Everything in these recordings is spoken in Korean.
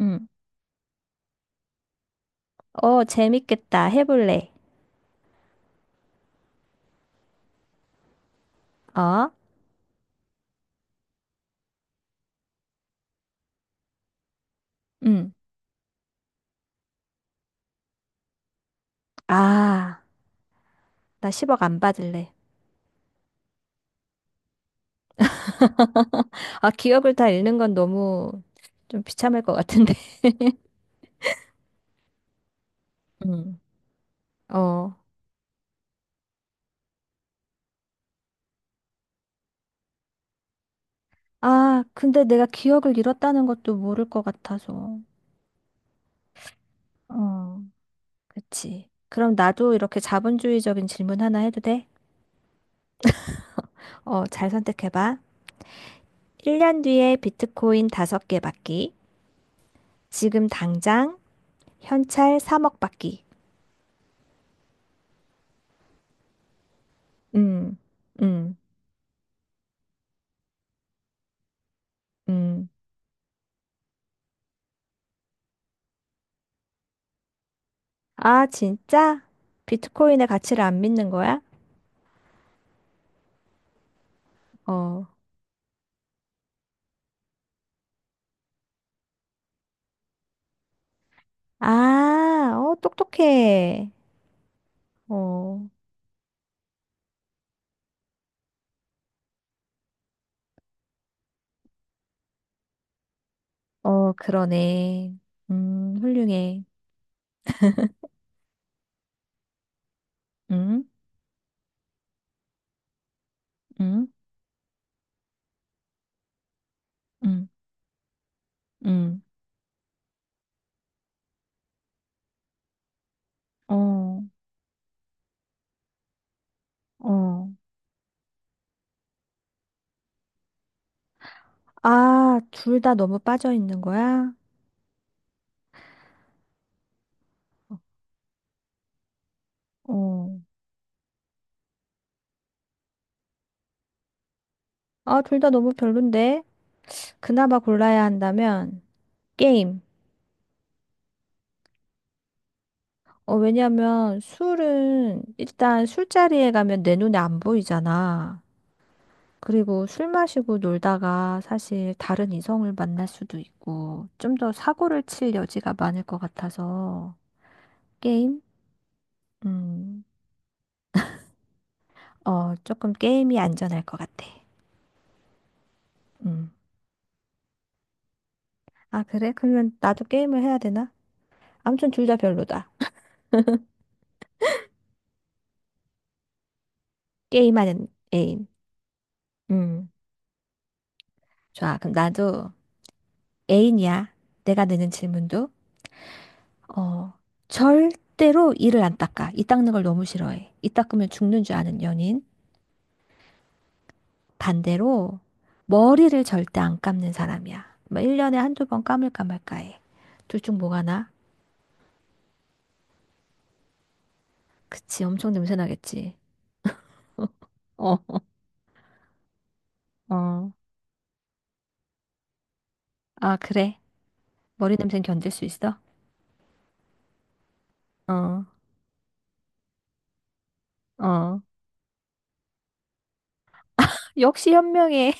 응. 어, 재밌겠다. 해볼래. 어? 응. 아, 나 10억 안 받을래. 아, 기억을 다 잃는 건 너무 좀 비참할 것 같은데. 응. 어. 아, 근데 내가 기억을 잃었다는 것도 모를 것 같아서. 어. 그치. 그럼 나도 이렇게 자본주의적인 질문 하나 해도 돼? 어, 잘 선택해봐. 1년 뒤에 비트코인 5개 받기. 지금 당장 현찰 3억 받기. 음, 음, 음. 아, 진짜? 비트코인의 가치를 안 믿는 거야? 어. 아, 어, 똑똑해. 어, 어, 그러네. 훌륭해. 응, 응, 응, 응. 어, 어. 아, 둘 다 너무 빠져 있는 거야? 어. 아, 둘 다 너무 별론데? 그나마 골라야 한다면, 게임. 어, 왜냐면 술은 일단 술자리에 가면 내 눈에 안 보이잖아. 그리고 술 마시고 놀다가 사실 다른 이성을 만날 수도 있고, 좀 더 사고를 칠 여지가 많을 것 같아서, 게임? 음, 어, 조금 게임이 안전할 것 같아. 음. 아, 그래? 그러면 나도 게임을 해야 되나? 아무튼 둘 다 별로다. 게임하는 애인. 음. 좋아. 그럼 나도 애인이야. 내가 내는 질문도. 어, 절대로 이를 안 닦아. 이 닦는 걸 너무 싫어해. 이 닦으면 죽는 줄 아는 연인. 반대로 머리를 절대 안 감는 사람이야. 뭐 1년에 한두 번 감을까 말까 해. 둘 중 뭐가 나? 그치, 엄청 냄새 나겠지. 어, 어. 아, 그래. 머리 냄새는 견딜 수 있어? 어, 어. 역시 현명해.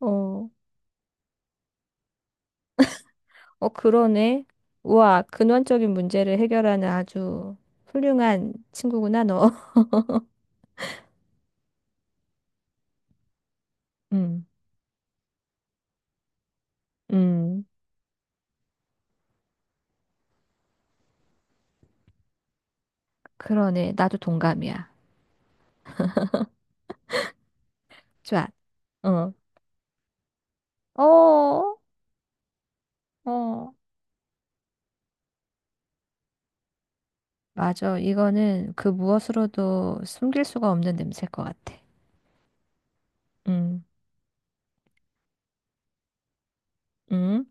어, 어, 그러네. 우와, 근원적인 문제를 해결하는 아주 훌륭한 친구구나, 너. 음, 음. 그러네. 나도 동감이야. 좋아. 어. 어, 어. 맞아. 이거는 그 무엇으로도 숨길 수가 없는 냄새일 것 같아. 음, 음,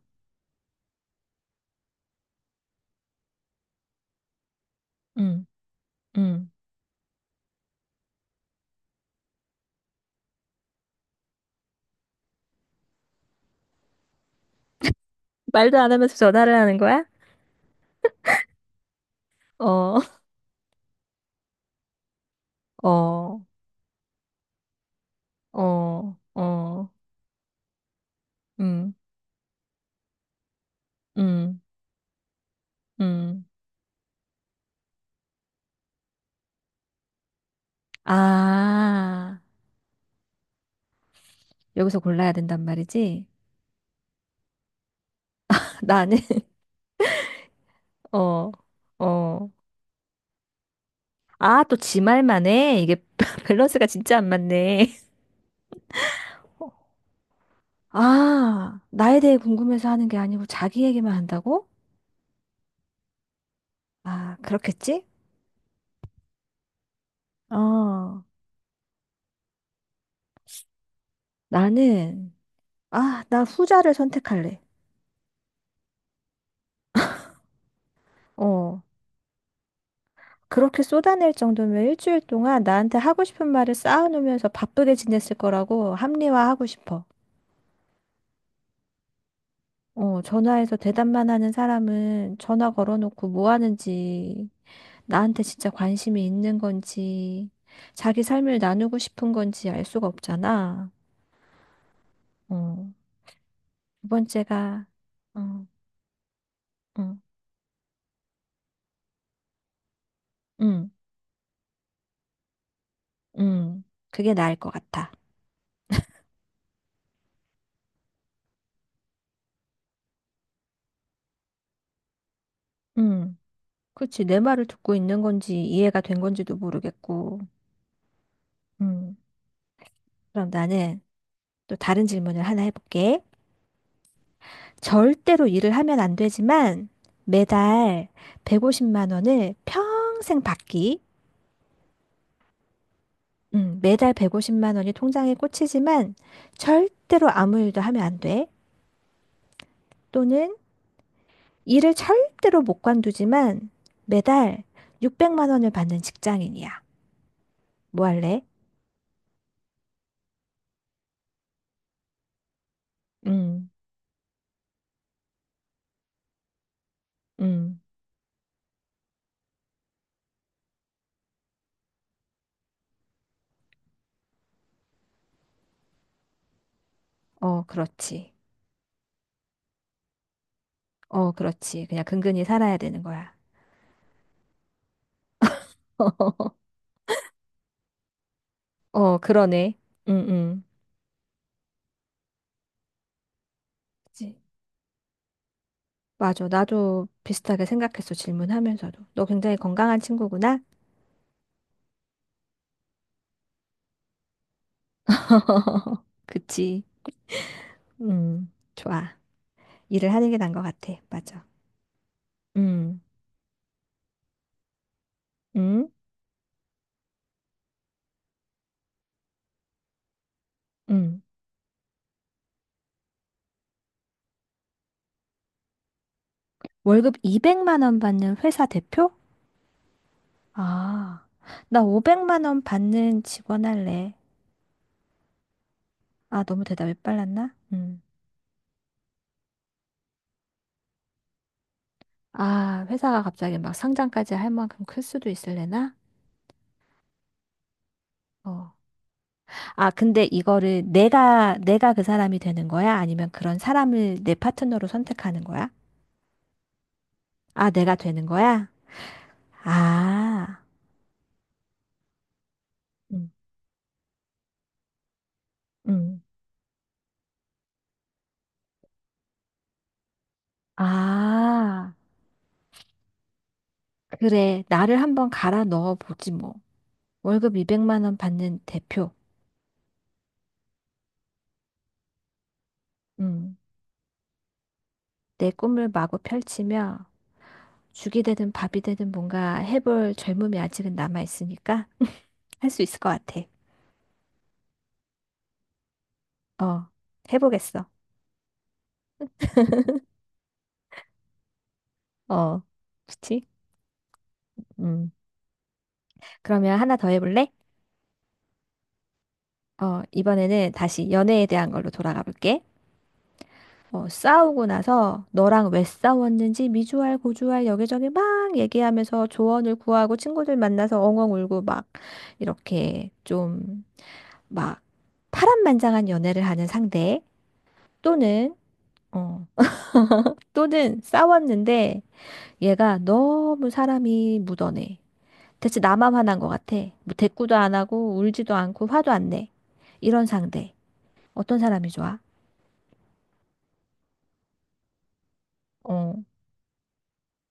음, 음. 말도 안 하면서 전화를 하는 거야? 어, 어, 어, 어, 음, 음, 음. 아, 여기서 골라야 된단 말이지? 나는, 어, 어. 아, 또 지 말만 해. 이게 밸런스가 진짜 안 맞네. 아, 나에 대해 궁금해서 하는 게 아니고 자기 얘기만 한다고? 아, 그렇겠지? 어. 나는, 아, 나 후자를 선택할래. 어, 그렇게 쏟아낼 정도면 일주일 동안 나한테 하고 싶은 말을 쌓아놓으면서 바쁘게 지냈을 거라고 합리화하고 싶어. 어, 전화해서 대답만 하는 사람은 전화 걸어놓고 뭐 하는지, 나한테 진짜 관심이 있는 건지, 자기 삶을 나누고 싶은 건지 알 수가 없잖아. 어, 두 번째가, 응, 응, 응, 응, 그게 나을 것 같아. 응. 그치, 내 말을 듣고 있는 건지 이해가 된 건지도 모르겠고. 음. 그럼 나는 또 다른 질문을 하나 해볼게. 절대로 일을 하면 안 되지만 매달 150만 원을 평생 받기. 매달 150만 원이 통장에 꽂히지만 절대로 아무 일도 하면 안 돼. 또는 일을 절대로 못 관두지만 매달 600만 원을 받는 직장인이야. 뭐 할래? 음, 음, 어, 그렇지. 어, 그렇지. 그냥 근근히 살아야 되는 거야. 어, 그러네. 응, 응. 그치. 맞아. 나도 비슷하게 생각했어. 질문하면서도. 너 굉장히 건강한 친구구나? 그치. 좋아. 일을 하는 게 나은 것 같아. 맞아. 음, 음, 음. 월급 200만 원 받는 회사 대표? 아, 나 500만 원 받는 직원 할래. 아, 너무 대답이 빨랐나? 음. 아, 회사가 갑자기 막 상장까지 할 만큼 클 수도 있을래나? 어. 아, 근데 이거를 내가 그 사람이 되는 거야? 아니면 그런 사람을 내 파트너로 선택하는 거야? 아, 내가 되는 거야? 아, 음, 음. 아, 그래. 나를 한번 갈아 넣어 보지 뭐. 월급 200만 원 받는 대표. 음. 내 꿈을 마구 펼치며 죽이 되든 밥이 되든 뭔가 해볼 젊음이 아직은 남아 있으니까 할 수 있을 것 같아. 어, 해보겠어. 어, 그치? 음. 그러면 하나 더 해볼래? 어, 이번에는 다시 연애에 대한 걸로 돌아가 볼게. 어, 싸우고 나서 너랑 왜 싸웠는지 미주알 고주알 여기저기 막 얘기하면서 조언을 구하고 친구들 만나서 엉엉 울고 막 이렇게 좀 막 파란만장한 연애를 하는 상대. 또는 어, 또는 싸웠는데 얘가 너무 사람이 묻어내. 대체 나만 화난 것 같아. 뭐 대꾸도 안 하고 울지도 않고 화도 안 내. 이런 상대 어떤 사람이 좋아? 어,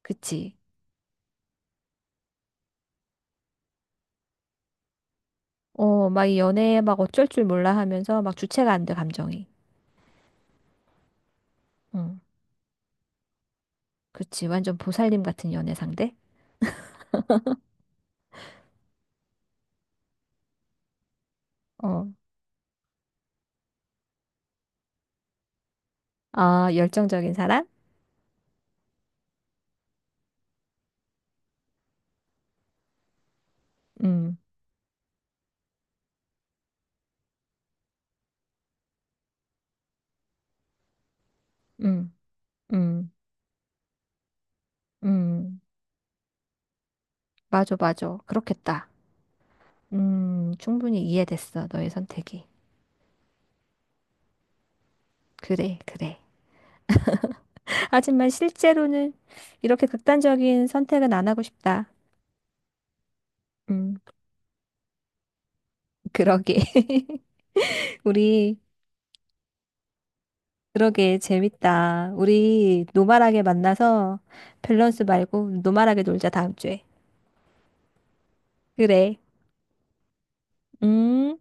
그치. 어, 막 이 연애에 막 어쩔 줄 몰라 하면서 막 주체가 안 돼, 감정이. 응. 그치. 완전 보살님 같은 연애 상대? 어. 아, 열정적인 사람? 음, 음, 음, 음. 맞아, 맞아. 그렇겠다. 충분히 이해됐어. 너의 선택이. 그래, 그래. 하지만 실제로는 이렇게 극단적인 선택은 안 하고 싶다. 음, 그러게. 우리 그러게, 재밌다. 우리 노말하게 만나서 밸런스 말고 노말하게 놀자, 다음 주에. 그래. 음.